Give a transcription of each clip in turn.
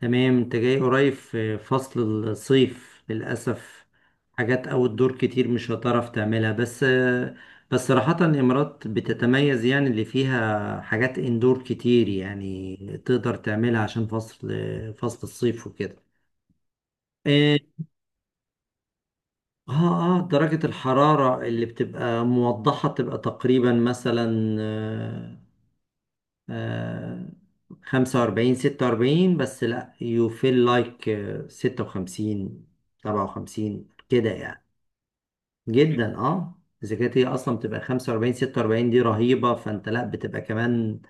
تمام، انت جاي قريب في فصل الصيف للأسف. حاجات أوت دور كتير مش هتعرف تعملها. بس صراحة الإمارات بتتميز، يعني اللي فيها حاجات اندور كتير، يعني تقدر تعملها عشان فصل الصيف وكده. اه اه. آه، درجة الحرارة اللي بتبقى موضحة بتبقى تقريبا مثلا آه، 45 46. بس لأ، you feel like 56 57 كده يعني. جدا اه. إذا كانت هي أصلا بتبقى 45 46 دي رهيبة، فأنت لأ بتبقى كمان.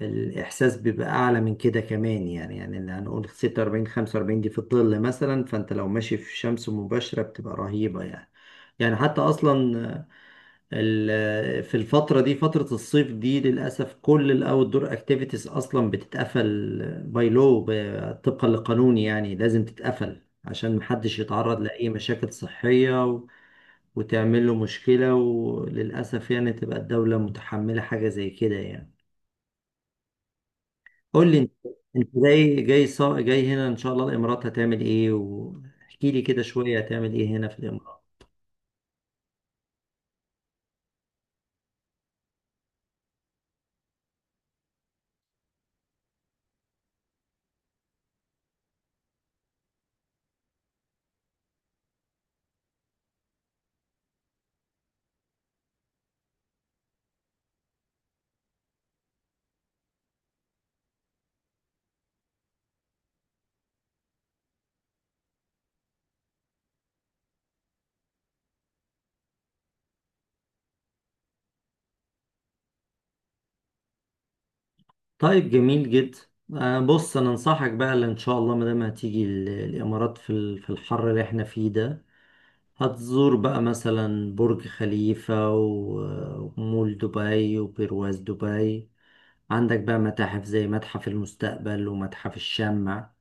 الإحساس بيبقى أعلى من كده كمان، يعني اللي هنقول 46 45 دي في الظل مثلا. فأنت لو ماشي في شمس مباشرة بتبقى رهيبة يعني. يعني حتى أصلا، في الفترة دي، فترة الصيف دي للأسف كل الأوت دور أكتيفيتيز أصلا بتتقفل، باي، لو طبقا للقانون يعني لازم تتقفل عشان محدش يتعرض لأي مشاكل صحية وتعمل له مشكلة، وللأسف يعني تبقى الدولة متحملة حاجة زي كده يعني. قول لي أنت، أنت جاي هنا إن شاء الله الإمارات هتعمل إيه، واحكي لي كده شوية هتعمل إيه هنا في الإمارات. طيب جميل جدا. بص انا انصحك بقى، اللي ان شاء الله ما دام هتيجي الامارات في في الحر اللي احنا فيه ده، هتزور بقى مثلا برج خليفة ومول دبي وبرواز دبي. عندك بقى متاحف زي متحف المستقبل ومتحف الشمع،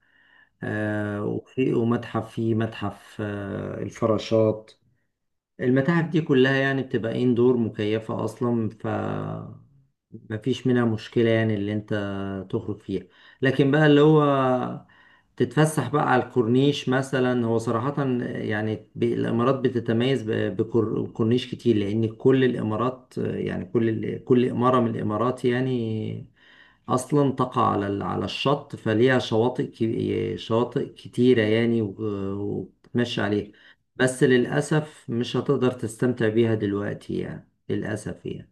وفي ومتحف فيه متحف الفراشات. المتاحف دي كلها يعني بتبقى إيه، اندور مكيفة أصلا، ف مفيش منها مشكلة، يعني اللي أنت تخرج فيها. لكن بقى اللي هو تتفسح بقى على الكورنيش مثلا، هو صراحة يعني الإمارات بتتميز بكورنيش كتير، لأن كل الإمارات يعني كل إمارة من الإمارات يعني أصلا تقع على على الشط، فليها شواطئ كتيرة يعني، وبتتمشى عليها. بس للأسف مش هتقدر تستمتع بيها دلوقتي يعني للأسف يعني.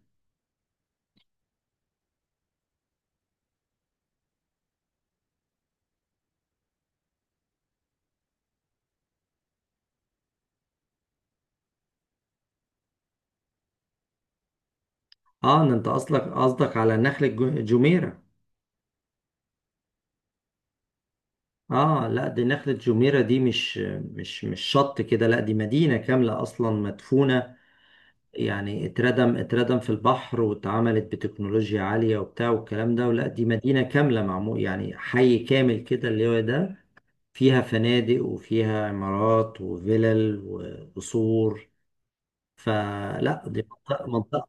اه إن انت اصلك قصدك على جميرة. اه لا، دي نخلة جميرة، دي مش شط كده. لا، دي مدينة كاملة اصلا مدفونة، يعني اتردم في البحر، واتعملت بتكنولوجيا عالية وبتاع والكلام ده. ولا دي مدينة كاملة معمول، يعني حي كامل كده اللي هو ده فيها فنادق وفيها عمارات وفلل وقصور. فلا دي منطقة،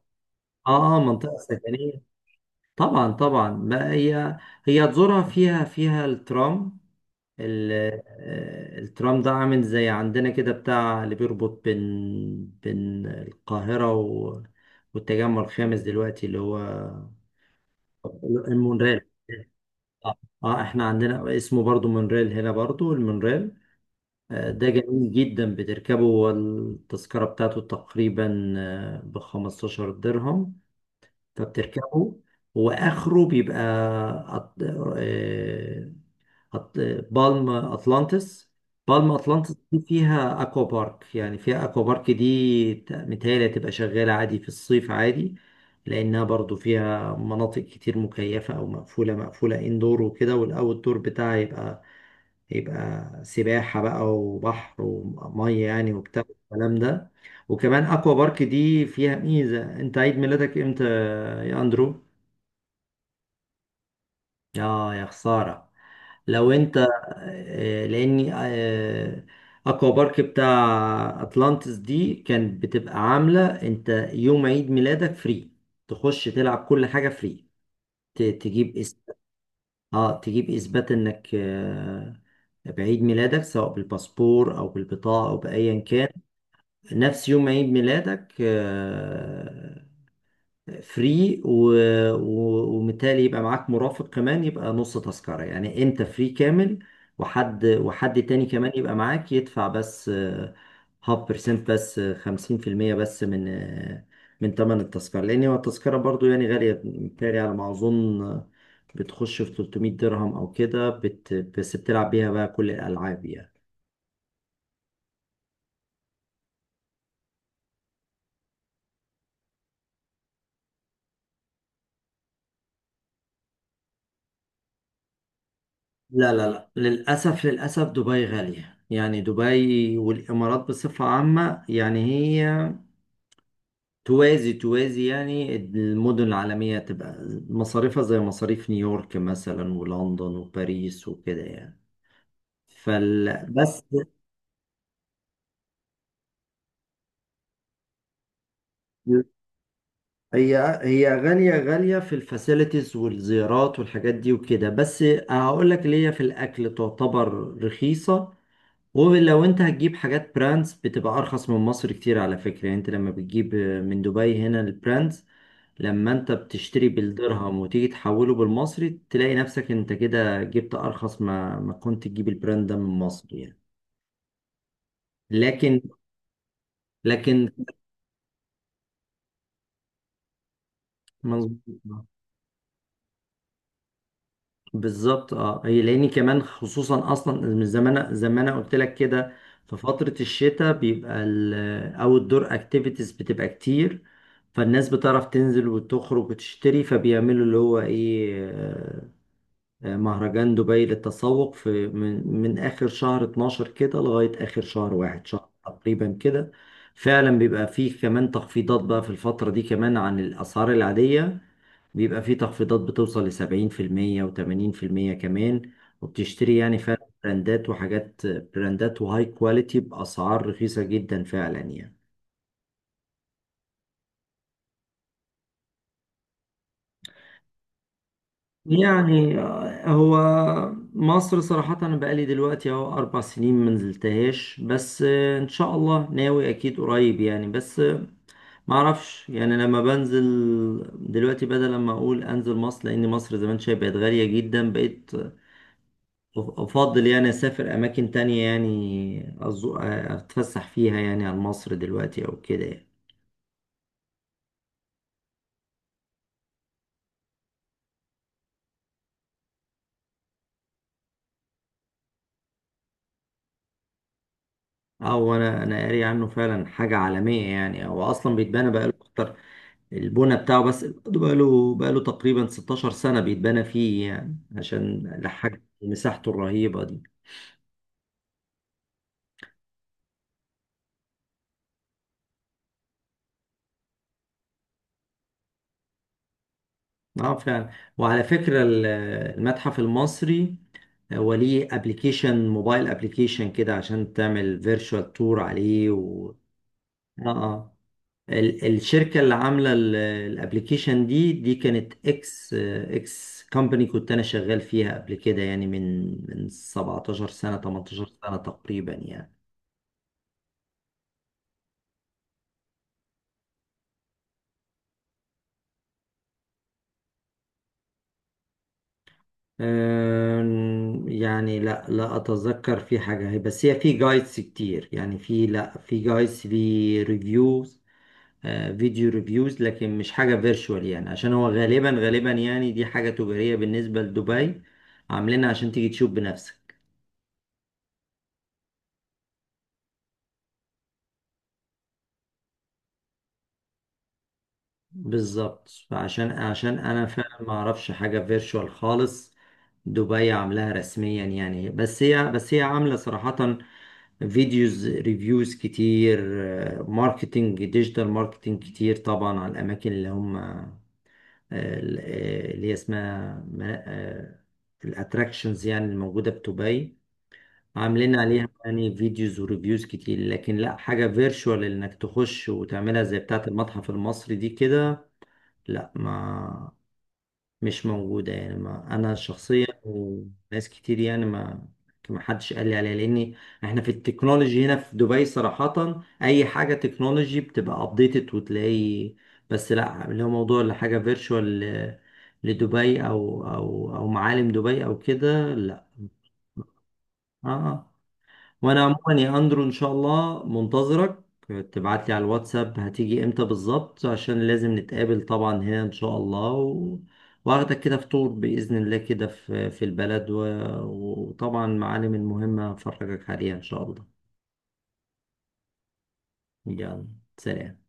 اه منطقة سكنية. طبعا طبعا، ما هي هي تزورها. فيها الترام، ال- الترام ده عامل زي عندنا كده، بتاع اللي بيربط بين القاهرة والتجمع الخامس دلوقتي، اللي هو المونريل. اه. احنا عندنا اسمه برضو مونريل، هنا برضو المونريل. ده جميل جدا، بتركبه، والتذكرة بتاعته تقريبا ب 15 درهم. فبتركبه، واخره بيبقى أط... آه، أط... بالم اتلانتس. بالم اتلانتس دي فيها اكوا بارك، يعني فيها اكوا بارك دي متهيألي هتبقى شغالة عادي في الصيف عادي، لانها برضو فيها مناطق كتير مكيفة او مقفولة اندور وكده. والاوت دور بتاعها يبقى سباحة بقى وبحر ومية يعني، وبتاع الكلام ده. وكمان اكوا بارك دي فيها ميزة. انت عيد ميلادك امتى يا اندرو؟ اه يا خسارة. لو انت لاني اكوا بارك بتاع اتلانتس دي كانت بتبقى عاملة انت يوم عيد ميلادك فري، تخش تلعب كل حاجة فري. ت- تجيب إث- اه، تجيب اثبات انك بعيد ميلادك، سواء بالباسبور او بالبطاقة او بايا كان، نفس يوم عيد ميلادك فري. و... وبالتالي يبقى معاك مرافق كمان، يبقى نص تذكرة. يعني انت فري كامل، وحد تاني كمان يبقى معاك، يدفع بس هاف بيرسنت، بس 50% بس من من تمن التذكرة. لأن هو التذكرة برضو يعني غالية، بالتالي على ما أظن بتخش في 300 درهم أو كده. بس بتلعب بيها بقى كل الألعاب يعني. لا للأسف، دبي غالية. يعني دبي والإمارات بصفة عامة يعني هي توازي يعني المدن العالمية، تبقى مصاريفها زي مصاريف نيويورك مثلا ولندن وباريس وكده يعني. فال بس. هي هي غالية في الفاسيلتيز والزيارات والحاجات دي وكده. بس هقول لك ليه، في الأكل تعتبر رخيصة. ولو انت هتجيب حاجات براندز بتبقى أرخص من مصر كتير على فكرة، يعني انت لما بتجيب من دبي هنا البراندز، لما انت بتشتري بالدرهم وتيجي تحوله بالمصري تلاقي نفسك انت كده جبت ارخص ما كنت تجيب البراند ده من مصر يعني. لكن لكن مظبوط. بالظبط اه، هي لاني كمان خصوصا اصلا من زمان زي ما انا قلت لك كده، في فترة الشتاء بيبقى الاوت دور اكتيفيتيز بتبقى كتير، فالناس بتعرف تنزل وتخرج وتشتري، فبيعملوا اللي هو ايه، مهرجان دبي للتسوق، في من آخر شهر 12 كده لغاية آخر شهر واحد، شهر تقريبا كده. فعلا بيبقى فيه كمان تخفيضات بقى في الفترة دي، كمان عن الأسعار العادية. بيبقى فيه تخفيضات بتوصل لسبعين في المية وتمانين في المية كمان. وبتشتري يعني فعلا براندات وحاجات، وهاي كواليتي بأسعار رخيصة جدا فعلا يعني. يعني هو مصر صراحة، أنا بقالي دلوقتي أهو 4 سنين منزلتهاش. بس إن شاء الله ناوي أكيد قريب يعني. بس معرفش يعني، لما بنزل دلوقتي، بدل لما أقول أنزل مصر، لأن مصر زمان شايف بقت غالية جدا، بقيت أفضل يعني أسافر أماكن تانية يعني أتفسح فيها، يعني عن مصر دلوقتي أو كده يعني. أو أنا قاري عنه فعلا حاجة عالمية يعني، هو أصلا بيتبنى بقاله أكتر البنى بتاعه، بس برضه بقاله تقريبا 16 سنة بيتبنى فيه، يعني عشان لحاجة مساحته الرهيبة دي. اه فعلا. وعلى فكرة المتحف المصري هو ليه ابلكيشن موبايل، ابلكيشن كده عشان تعمل فيرتشوال تور عليه اه اه. الشركة اللي عاملة الابلكيشن دي كانت اكس كومباني، كنت انا شغال فيها قبل كده يعني من 17 سنة 18 سنة تقريبا يعني. يعني لا لا اتذكر في حاجه، هي بس هي في جايدز كتير يعني، في لا في جايدز، في ريفيوز، فيديو ريفيوز، لكن مش حاجه فيرتشوال. يعني عشان هو غالبا يعني دي حاجه تجاريه بالنسبه لدبي، عاملينها عشان تيجي تشوف بنفسك. بالظبط، عشان انا فعلا ما اعرفش حاجه فيرتشوال خالص دبي عاملاها رسميا يعني. بس هي عامله صراحه فيديوز ريفيوز كتير، ماركتينج، ديجيتال ماركتينج كتير طبعا على الاماكن اللي هم اللي هي اسمها الاتراكشنز، يعني الموجوده في دبي، عاملين عليها يعني فيديوز وريفيوز كتير. لكن لا، حاجه فيرتشوال انك تخش وتعملها زي بتاعه المتحف المصري دي كده لا ما. مش موجودة يعني، ما أنا شخصيا وناس كتير يعني ما، ما حدش قال لي عليها، لأن إحنا في التكنولوجي هنا في دبي صراحة، أي حاجة تكنولوجي بتبقى أبديتد وتلاقي. بس لا اللي هو موضوع اللي حاجة فيرتشوال لدبي أو معالم دبي أو كده لا. آه آه. وانا عموما يا اندرو ان شاء الله منتظرك، تبعت لي على الواتساب هتيجي امتى بالظبط عشان لازم نتقابل طبعا هنا ان شاء الله، واخدك كده فطور باذن الله كده في البلد، وطبعا معالم المهمه هفرجك عليها ان شاء الله. يلا سلام.